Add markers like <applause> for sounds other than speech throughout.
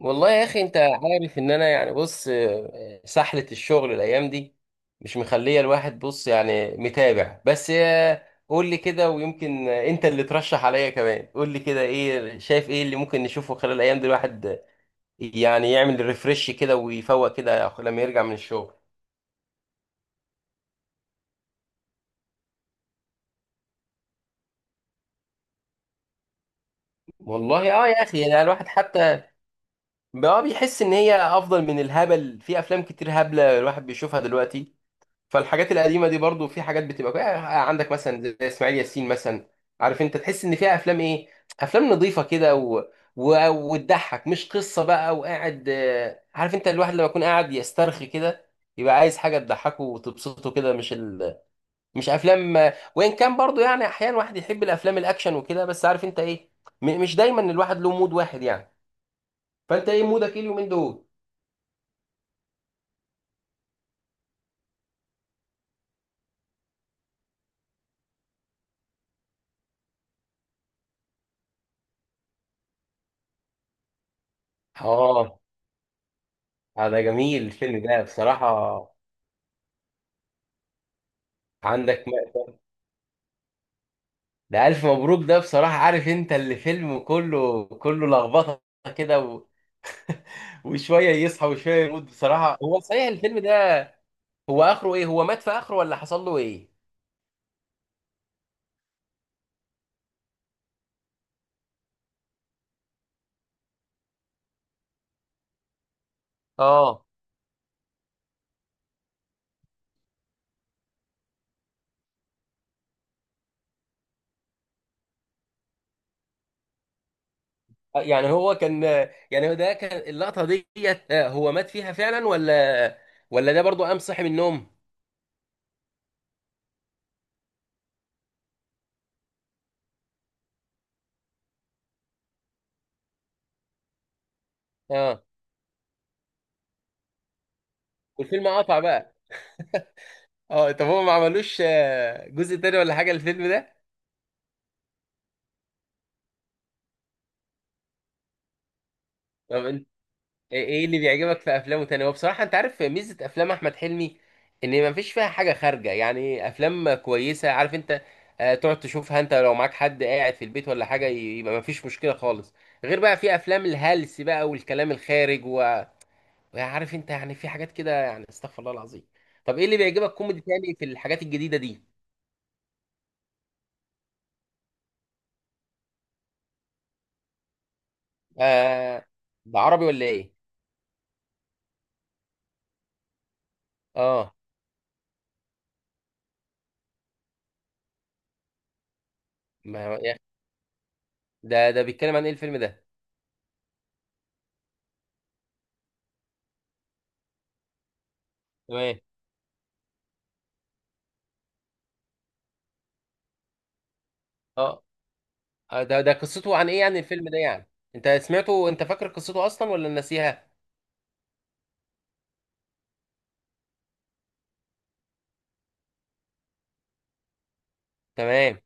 والله يا اخي انت عارف ان انا يعني بص، سحلة الشغل الايام دي مش مخلية الواحد بص، يعني متابع بس. قول لي كده، ويمكن انت اللي ترشح عليا كمان. قول لي كده ايه، شايف ايه اللي ممكن نشوفه خلال الايام دي؟ الواحد يعني يعمل ريفرش كده ويفوق كده لما يرجع من الشغل. والله يا اخي، يعني الواحد حتى بقى بيحس ان هي افضل من الهبل في افلام كتير هبلة الواحد بيشوفها دلوقتي. فالحاجات القديمه دي برضو في حاجات بتبقى عندك مثلا زي اسماعيل ياسين مثلا. عارف انت، تحس ان فيها افلام ايه، افلام نظيفه كده، وتضحك، مش قصه بقى وقاعد، عارف انت، الواحد لما يكون قاعد يسترخي كده يبقى عايز حاجه تضحكه وتبسطه كده، مش افلام وان كان برضو يعني احيانا واحد يحب الافلام الاكشن وكده، بس عارف انت ايه، مش دايما الواحد له مود واحد يعني. فانت ايه مودك ايه اليومين دول؟ اه. ده جميل الفيلم ده بصراحه. عندك، ده ألف مبروك ده بصراحة، عارف أنت، اللي فيلم كله كله لخبطة كده، وشوية يصحى وشوية يموت. بصراحة هو صحيح الفيلم ده، هو آخره إيه؟ هو مات في آخره ولا حصل له إيه؟ آه. يعني هو كان، يعني هو ده كان اللقطة ديت، هو مات فيها فعلا ولا ده برضو قام صحي من النوم؟ آه. والفيلم قطع بقى. طب هو ما عملوش جزء تاني ولا حاجة الفيلم ده؟ طب إيه اللي بيعجبك في افلامه تاني؟ هو بصراحه انت عارف ميزه افلام احمد حلمي، ان ما فيش فيها حاجه خارجه، يعني افلام كويسه عارف انت، تقعد تشوفها انت، لو معاك حد قاعد في البيت ولا حاجه، يبقى ما فيش مشكله خالص، غير بقى في افلام الهلس بقى والكلام الخارج، وعارف انت يعني في حاجات كده، يعني استغفر الله العظيم. طب ايه اللي بيعجبك كوميدي تاني في الحاجات الجديده دي؟ آه. ده عربي ولا ايه؟ اه. ما يا أخي، ده بيتكلم عن ايه الفيلم ده؟ تمام. اه. ده قصته عن ايه يعني الفيلم ده يعني؟ انت سمعته، انت فاكر قصته اصلا ولا ناسيها؟ تمام.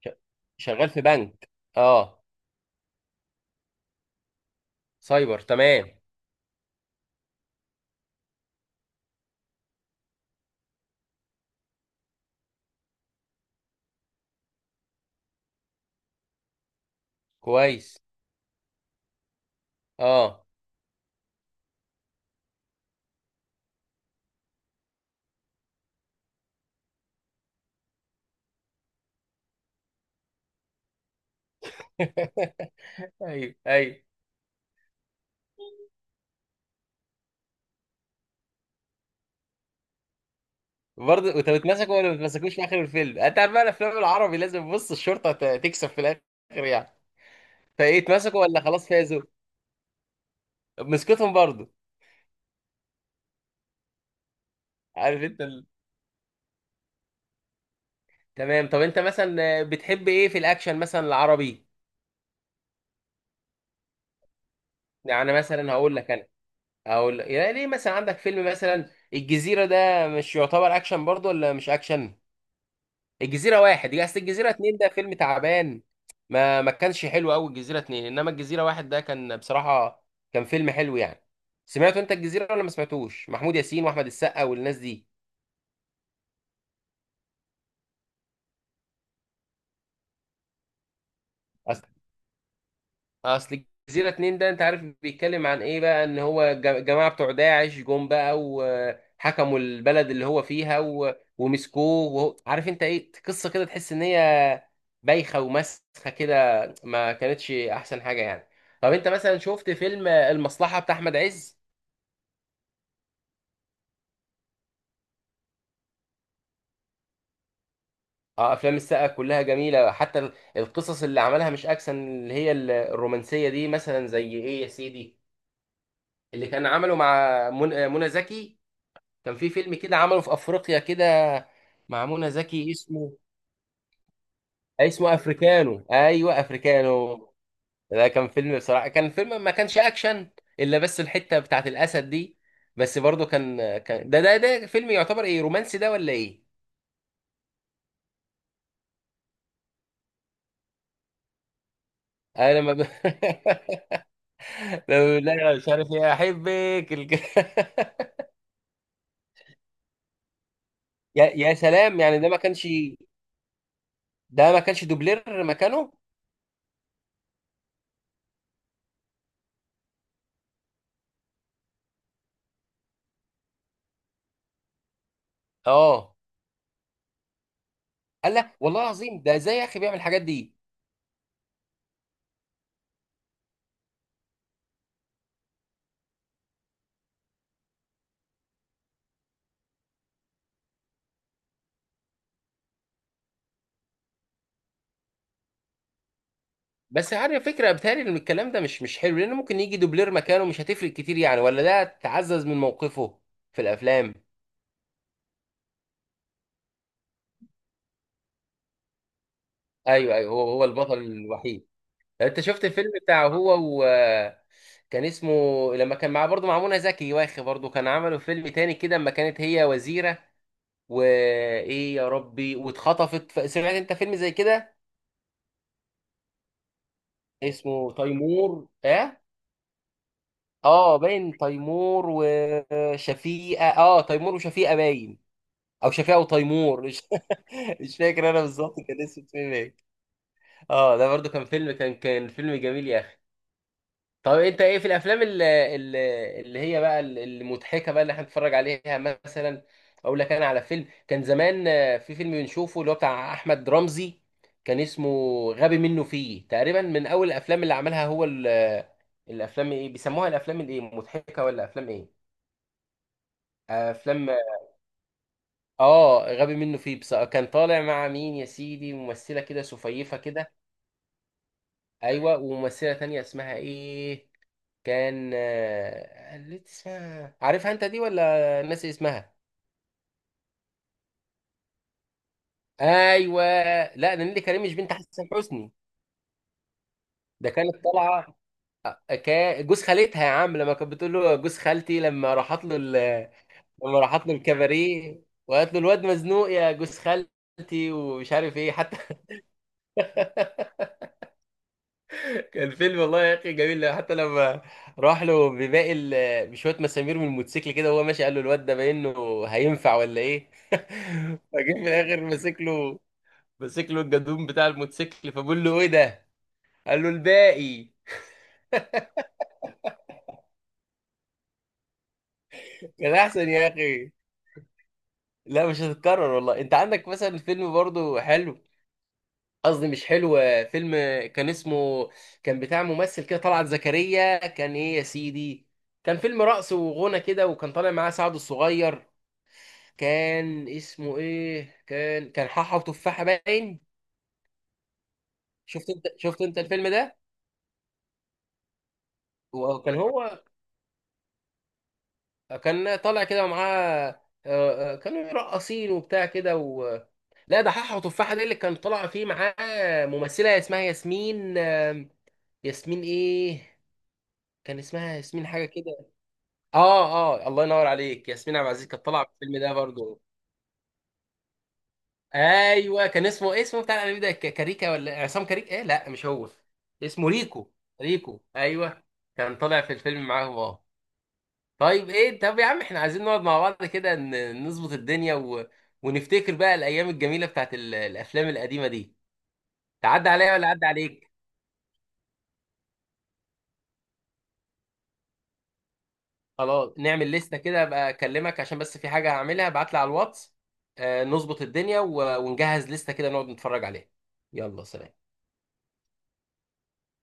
ش- شغال في بنك. اه. سايبر، تمام. كويس. اه. <laughs> ايوه ايوه. برضه انت بتمسكوا ولا ما بتمسكوش في اخر الفيلم؟ انت عارف بقى، الافلام العربي لازم بص الشرطه تكسب في الاخر يعني. فايه اتمسكوا ولا خلاص فازوا، مسكتهم برضه؟ عارف انت تمام. طب انت مثلا بتحب ايه في الاكشن مثلا العربي؟ يعني مثلا هقول لك، يعني ليه، مثلا عندك فيلم مثلا الجزيرة ده، مش يعتبر اكشن برضه ولا مش اكشن؟ الجزيرة واحد يا اصل، الجزيرة اتنين ده فيلم تعبان، ما ما كانش حلو قوي الجزيرة اتنين، انما الجزيرة واحد ده كان بصراحة كان فيلم حلو يعني. سمعته انت الجزيرة ولا ما سمعتوش؟ محمود ياسين واحمد السقا والناس دي. اصل الجزيره اتنين ده، انت عارف بيتكلم عن ايه بقى، ان هو جماعه بتوع داعش جم بقى وحكموا البلد اللي هو فيها ومسكوه، عارف انت ايه، قصه كده تحس ان هي بايخه ومسخه كده، ما كانتش احسن حاجه يعني. طب انت مثلا شفت فيلم المصلحه بتاع احمد عز؟ اه، افلام السقا كلها جميله، حتى القصص اللي عملها مش اكشن، اللي هي الرومانسيه دي، مثلا زي ايه يا سيدي اللي كان عمله مع منى زكي. كان في فيلم كده عمله في افريقيا كده مع منى زكي، اسمه افريكانو، ايوه افريكانو. ده كان فيلم بصراحه، كان فيلم ما كانش اكشن الا بس الحته بتاعت الاسد دي، بس برضه كان ده فيلم يعتبر ايه، رومانسي ده ولا ايه؟ انا ما ب... <laughs> لما بقول لها مش عارف ايه، احبك <laughs> يا سلام يعني، ده ما كانش دوبلير مكانه؟ اه. قال لا والله العظيم، ده ازاي يا اخي بيعمل الحاجات دي؟ بس عارف فكرة، بتهيألي ان الكلام ده مش حلو، لان ممكن يجي دوبلير مكانه، مش هتفرق كتير يعني، ولا ده تعزز من موقفه في الافلام؟ ايوه ايوه، هو هو البطل الوحيد. انت شفت الفيلم بتاعه هو و، كان اسمه، لما كان معاه برضه مع منى زكي، واخي برضه كان عملوا فيلم تاني كده لما كانت هي وزيرة وايه يا ربي واتخطفت، سمعت انت فيلم زي كده؟ اسمه تيمور، اه. اه باين تيمور وشفيقة، اه تيمور وشفيقة باين، او شفيقة وتيمور. <laughs> مش فاكر انا بالظبط كان اسم الفيلم ايه. اه، ده برضو كان فيلم، كان فيلم جميل يا اخي. طب انت ايه في الافلام اللي هي بقى المضحكه بقى اللي احنا بنتفرج عليها مثلا؟ اقول لك انا على فيلم كان زمان، في فيلم بنشوفه اللي هو بتاع احمد رمزي، كان اسمه غبي منه فيه، تقريبا من اول الافلام اللي عملها هو، الافلام ايه بيسموها، الافلام الايه، مضحكه ولا افلام ايه؟ افلام. اه غبي منه فيه، بس كان طالع مع مين يا سيدي، ممثله كده سفيفه كده. ايوه وممثله تانية اسمها ايه؟ كان اللي اسمها عارفها انت دي، ولا ناسي اسمها؟ ايوه. لا ده نيللي كريم مش بنت حسن حسني، ده كانت طالعه جوز خالتها يا عم، لما كانت بتقول له جوز خالتي، لما راحت له الكباريه، وقالت له الواد مزنوق يا جوز خالتي ومش عارف ايه حتى. <laughs> الفيلم والله يا اخي جميل، حتى لما راح له بباقي بشويه مسامير من الموتوسيكل كده وهو ماشي، قال له الواد ده باين له هينفع ولا ايه، <laughs> فجه في الاخر ماسك له الجدوم بتاع الموتوسيكل، فبقول له ايه ده، قال له الباقي. كان احسن يا اخي. لا مش هتتكرر، والله انت عندك مثلا فيلم برضه حلو، قصدي مش حلو، فيلم كان اسمه، كان بتاع ممثل كده، طلعت زكريا، كان ايه يا سيدي، كان فيلم رقص وغنى كده، وكان طالع معاه سعد الصغير، كان اسمه ايه، كان حاحة وتفاحة باين. شفت انت الفيلم ده؟ وكان هو كان طالع كده ومعاه، كانوا راقصين وبتاع كده لا ده حاحة وتفاحة دي اللي كان طالع فيه معاه ممثلة اسمها ياسمين، ياسمين ايه، كان اسمها ياسمين حاجة كده. اه اه، الله ينور عليك، ياسمين عبد العزيز كانت طالعة في الفيلم ده برضو. ايوه كان اسمه إيه، اسمه بتاع الانمي ده، كاريكا ولا عصام كاريكا ايه، لا مش هو، اسمه ريكو، ريكو ايوه، كان طالع في الفيلم معاهم اه. طيب ايه، طب يا عم احنا عايزين نقعد مع بعض كده نظبط الدنيا، ونفتكر بقى الايام الجميله بتاعت الافلام القديمه دي. تعدي عليا ولا عدى عليك؟ خلاص، نعمل لستة كده، ابقى اكلمك، عشان بس في حاجه هعملها ابعت لي على الواتس، نظبط الدنيا، ونجهز لستة كده نقعد نتفرج عليها. يلا سلام.